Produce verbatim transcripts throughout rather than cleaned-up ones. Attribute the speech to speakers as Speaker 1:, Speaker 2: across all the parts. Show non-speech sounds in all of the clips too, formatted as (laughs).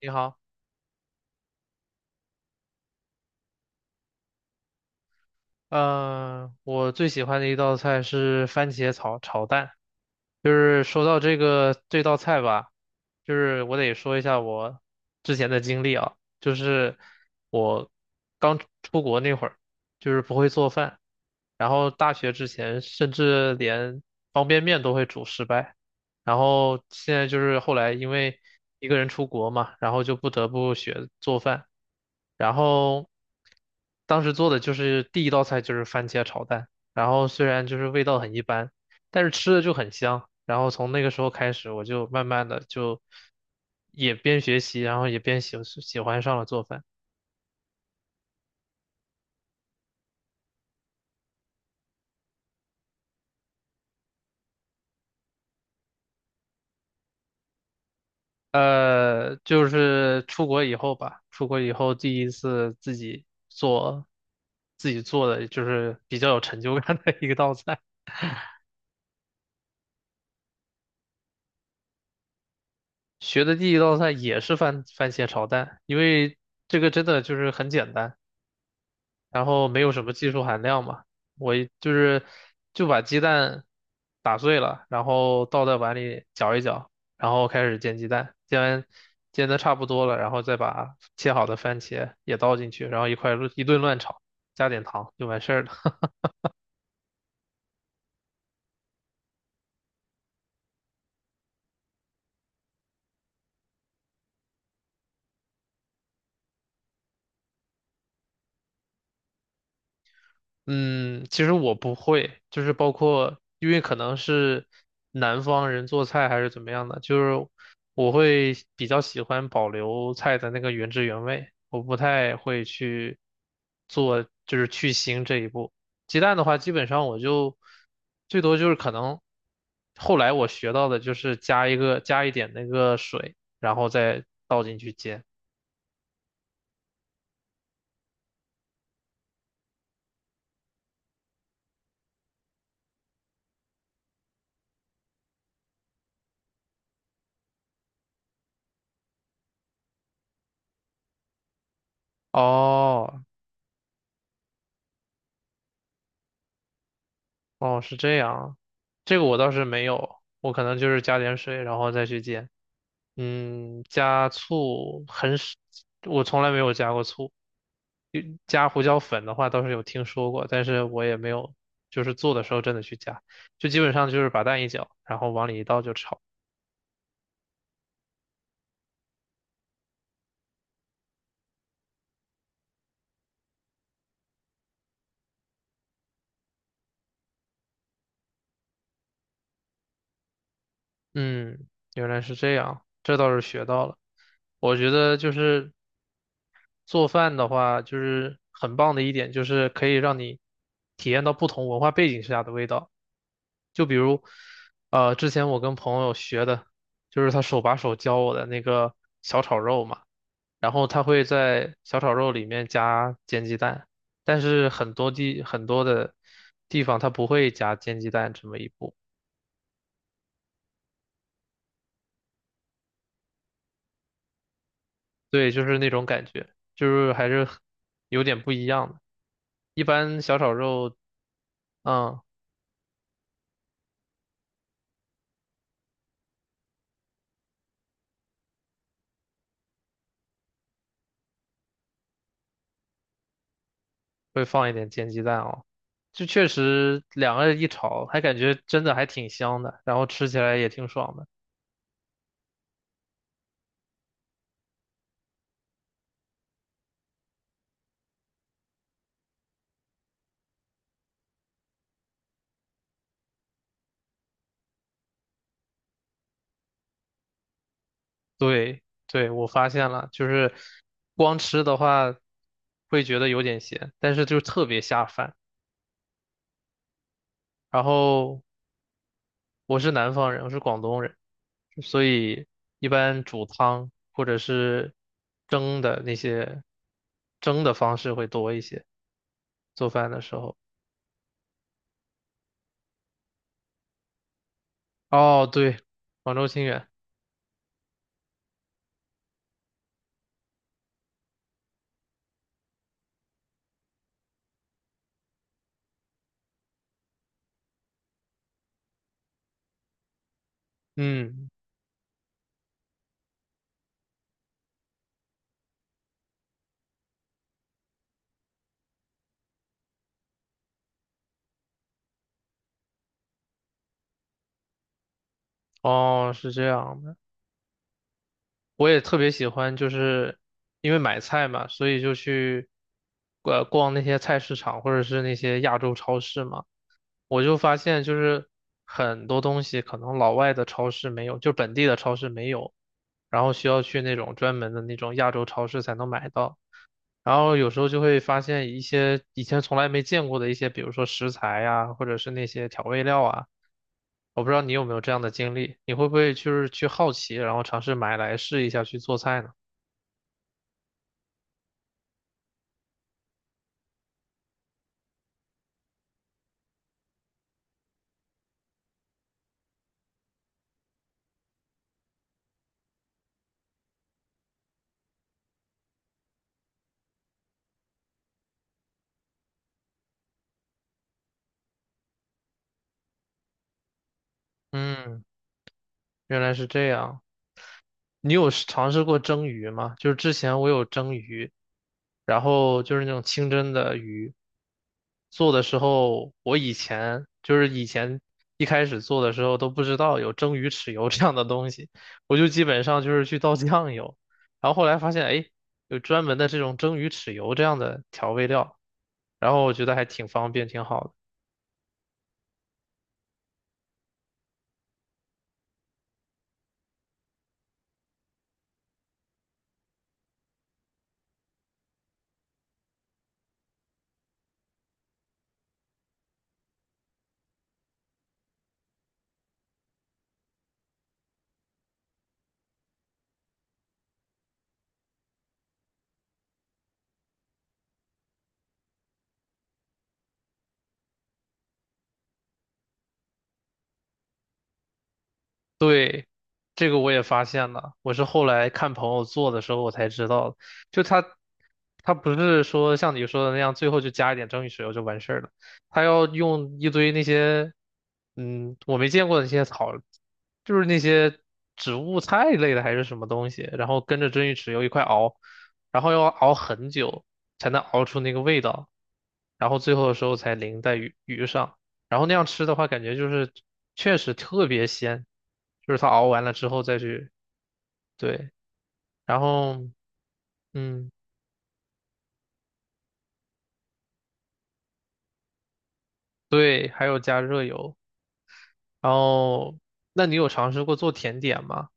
Speaker 1: 你好。嗯、我最喜欢的一道菜是番茄炒炒蛋。就是说到这个这道菜吧，就是我得说一下我之前的经历啊。就是我刚出国那会儿，就是不会做饭。然后大学之前甚至连方便面都会煮失败。然后现在就是后来因为一个人出国嘛，然后就不得不学做饭。然后当时做的就是第一道菜就是番茄炒蛋，然后虽然就是味道很一般，但是吃的就很香。然后从那个时候开始，我就慢慢的就也边学习，然后也边喜喜欢上了做饭。呃，就是出国以后吧，出国以后第一次自己做，自己做的就是比较有成就感的一个道菜。学的第一道菜也是番番茄炒蛋，因为这个真的就是很简单。然后没有什么技术含量嘛。我一就是就把鸡蛋打碎了，然后倒在碗里搅一搅，然后开始煎鸡蛋，煎完煎的差不多了，然后再把切好的番茄也倒进去，然后一块儿一顿乱炒，加点糖就完事儿了。嗯，其实我不会，就是包括，因为可能是南方人做菜还是怎么样的，就是我会比较喜欢保留菜的那个原汁原味，我不太会去做，就是去腥这一步。鸡蛋的话，基本上我就最多就是可能后来我学到的就是加一个加一点那个水，然后再倒进去煎。哦。哦，是这样。这个我倒是没有，我可能就是加点水，然后再去煎。嗯，加醋很少，我从来没有加过醋。加胡椒粉的话倒是有听说过，但是我也没有，就是做的时候真的去加，就基本上就是把蛋一搅，然后往里一倒就炒。嗯，原来是这样，这倒是学到了。我觉得就是做饭的话，就是很棒的一点，就是可以让你体验到不同文化背景下的味道。就比如，呃，之前我跟朋友学的，就是他手把手教我的那个小炒肉嘛，然后他会在小炒肉里面加煎鸡蛋，但是很多地很多的地方他不会加煎鸡蛋这么一步。对，就是那种感觉，就是还是很有点不一样的。一般小炒肉，嗯。会放一点煎鸡蛋哦。就确实两个人一炒，还感觉真的还挺香的，然后吃起来也挺爽的。对，对，我发现了，就是光吃的话会觉得有点咸，但是就特别下饭。然后我是南方人，我是广东人，所以一般煮汤或者是蒸的那些蒸的方式会多一些，做饭的时候。哦，对，广州清远。嗯，哦，是这样的。我也特别喜欢，就是因为买菜嘛，所以就去呃逛那些菜市场或者是那些亚洲超市嘛。我就发现，就是很多东西可能老外的超市没有，就本地的超市没有，然后需要去那种专门的那种亚洲超市才能买到。然后有时候就会发现一些以前从来没见过的一些，比如说食材呀，或者是那些调味料啊。我不知道你有没有这样的经历，你会不会就是去好奇，然后尝试买来试一下去做菜呢？嗯，原来是这样。你有试尝试过蒸鱼吗？就是之前我有蒸鱼，然后就是那种清蒸的鱼，做的时候，我以前就是以前一开始做的时候都不知道有蒸鱼豉油这样的东西，我就基本上就是去倒酱油，然后后来发现，哎，有专门的这种蒸鱼豉油这样的调味料，然后我觉得还挺方便，挺好的。对，这个我也发现了，我是后来看朋友做的时候我才知道的。就他，他不是说像你说的那样，最后就加一点蒸鱼豉油就完事儿了，他要用一堆那些，嗯，我没见过的那些草，就是那些植物菜类的还是什么东西，然后跟着蒸鱼豉油一块熬，然后要熬很久才能熬出那个味道，然后最后的时候才淋在鱼鱼上。然后那样吃的话，感觉就是确实特别鲜，就是它熬完了之后再去。对，然后嗯，对，还有加热油。然后，那你有尝试过做甜点吗？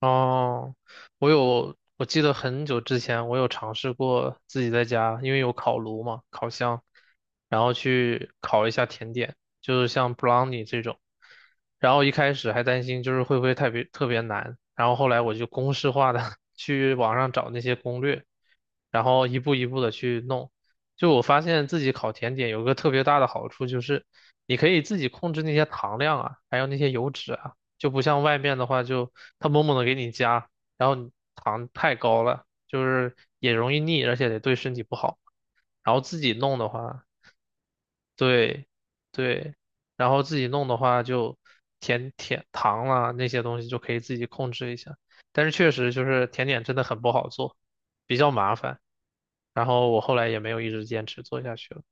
Speaker 1: 哦，我有，我记得很久之前我有尝试过自己在家，因为有烤炉嘛，烤箱，然后去烤一下甜点，就是像 brownie 这种。然后一开始还担心就是会不会特别特别难，然后后来我就公式化的 (laughs) 去网上找那些攻略，然后一步一步的去弄。就我发现自己烤甜点有个特别大的好处就是，你可以自己控制那些糖量啊，还有那些油脂啊。就不像外面的话就，他猛猛的给你加，然后你糖太高了，就是也容易腻，而且也对身体不好。然后自己弄的话，对对，然后自己弄的话就甜甜糖啦那些东西就可以自己控制一下，但是确实就是甜点真的很不好做，比较麻烦。然后我后来也没有一直坚持做下去了。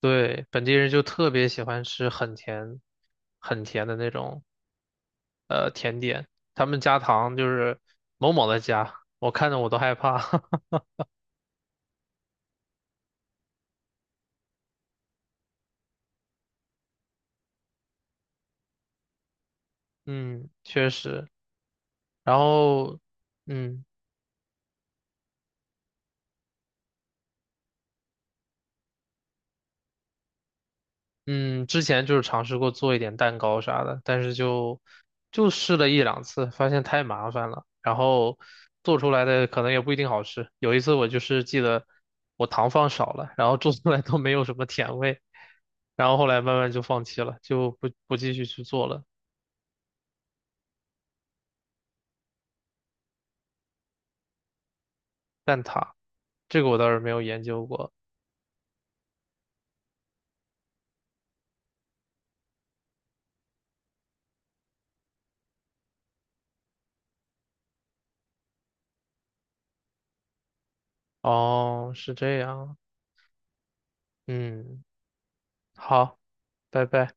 Speaker 1: 对，本地人就特别喜欢吃很甜、很甜的那种呃甜点，他们加糖就是某某的加，我看着我都害怕。(laughs) 嗯，确实。然后，嗯嗯，之前就是尝试过做一点蛋糕啥的，但是就就试了一两次，发现太麻烦了，然后做出来的可能也不一定好吃。有一次我就是记得我糖放少了，然后做出来都没有什么甜味，然后后来慢慢就放弃了，就不不继续去做了。蛋挞这个我倒是没有研究过。哦，是这样，嗯，好，拜拜。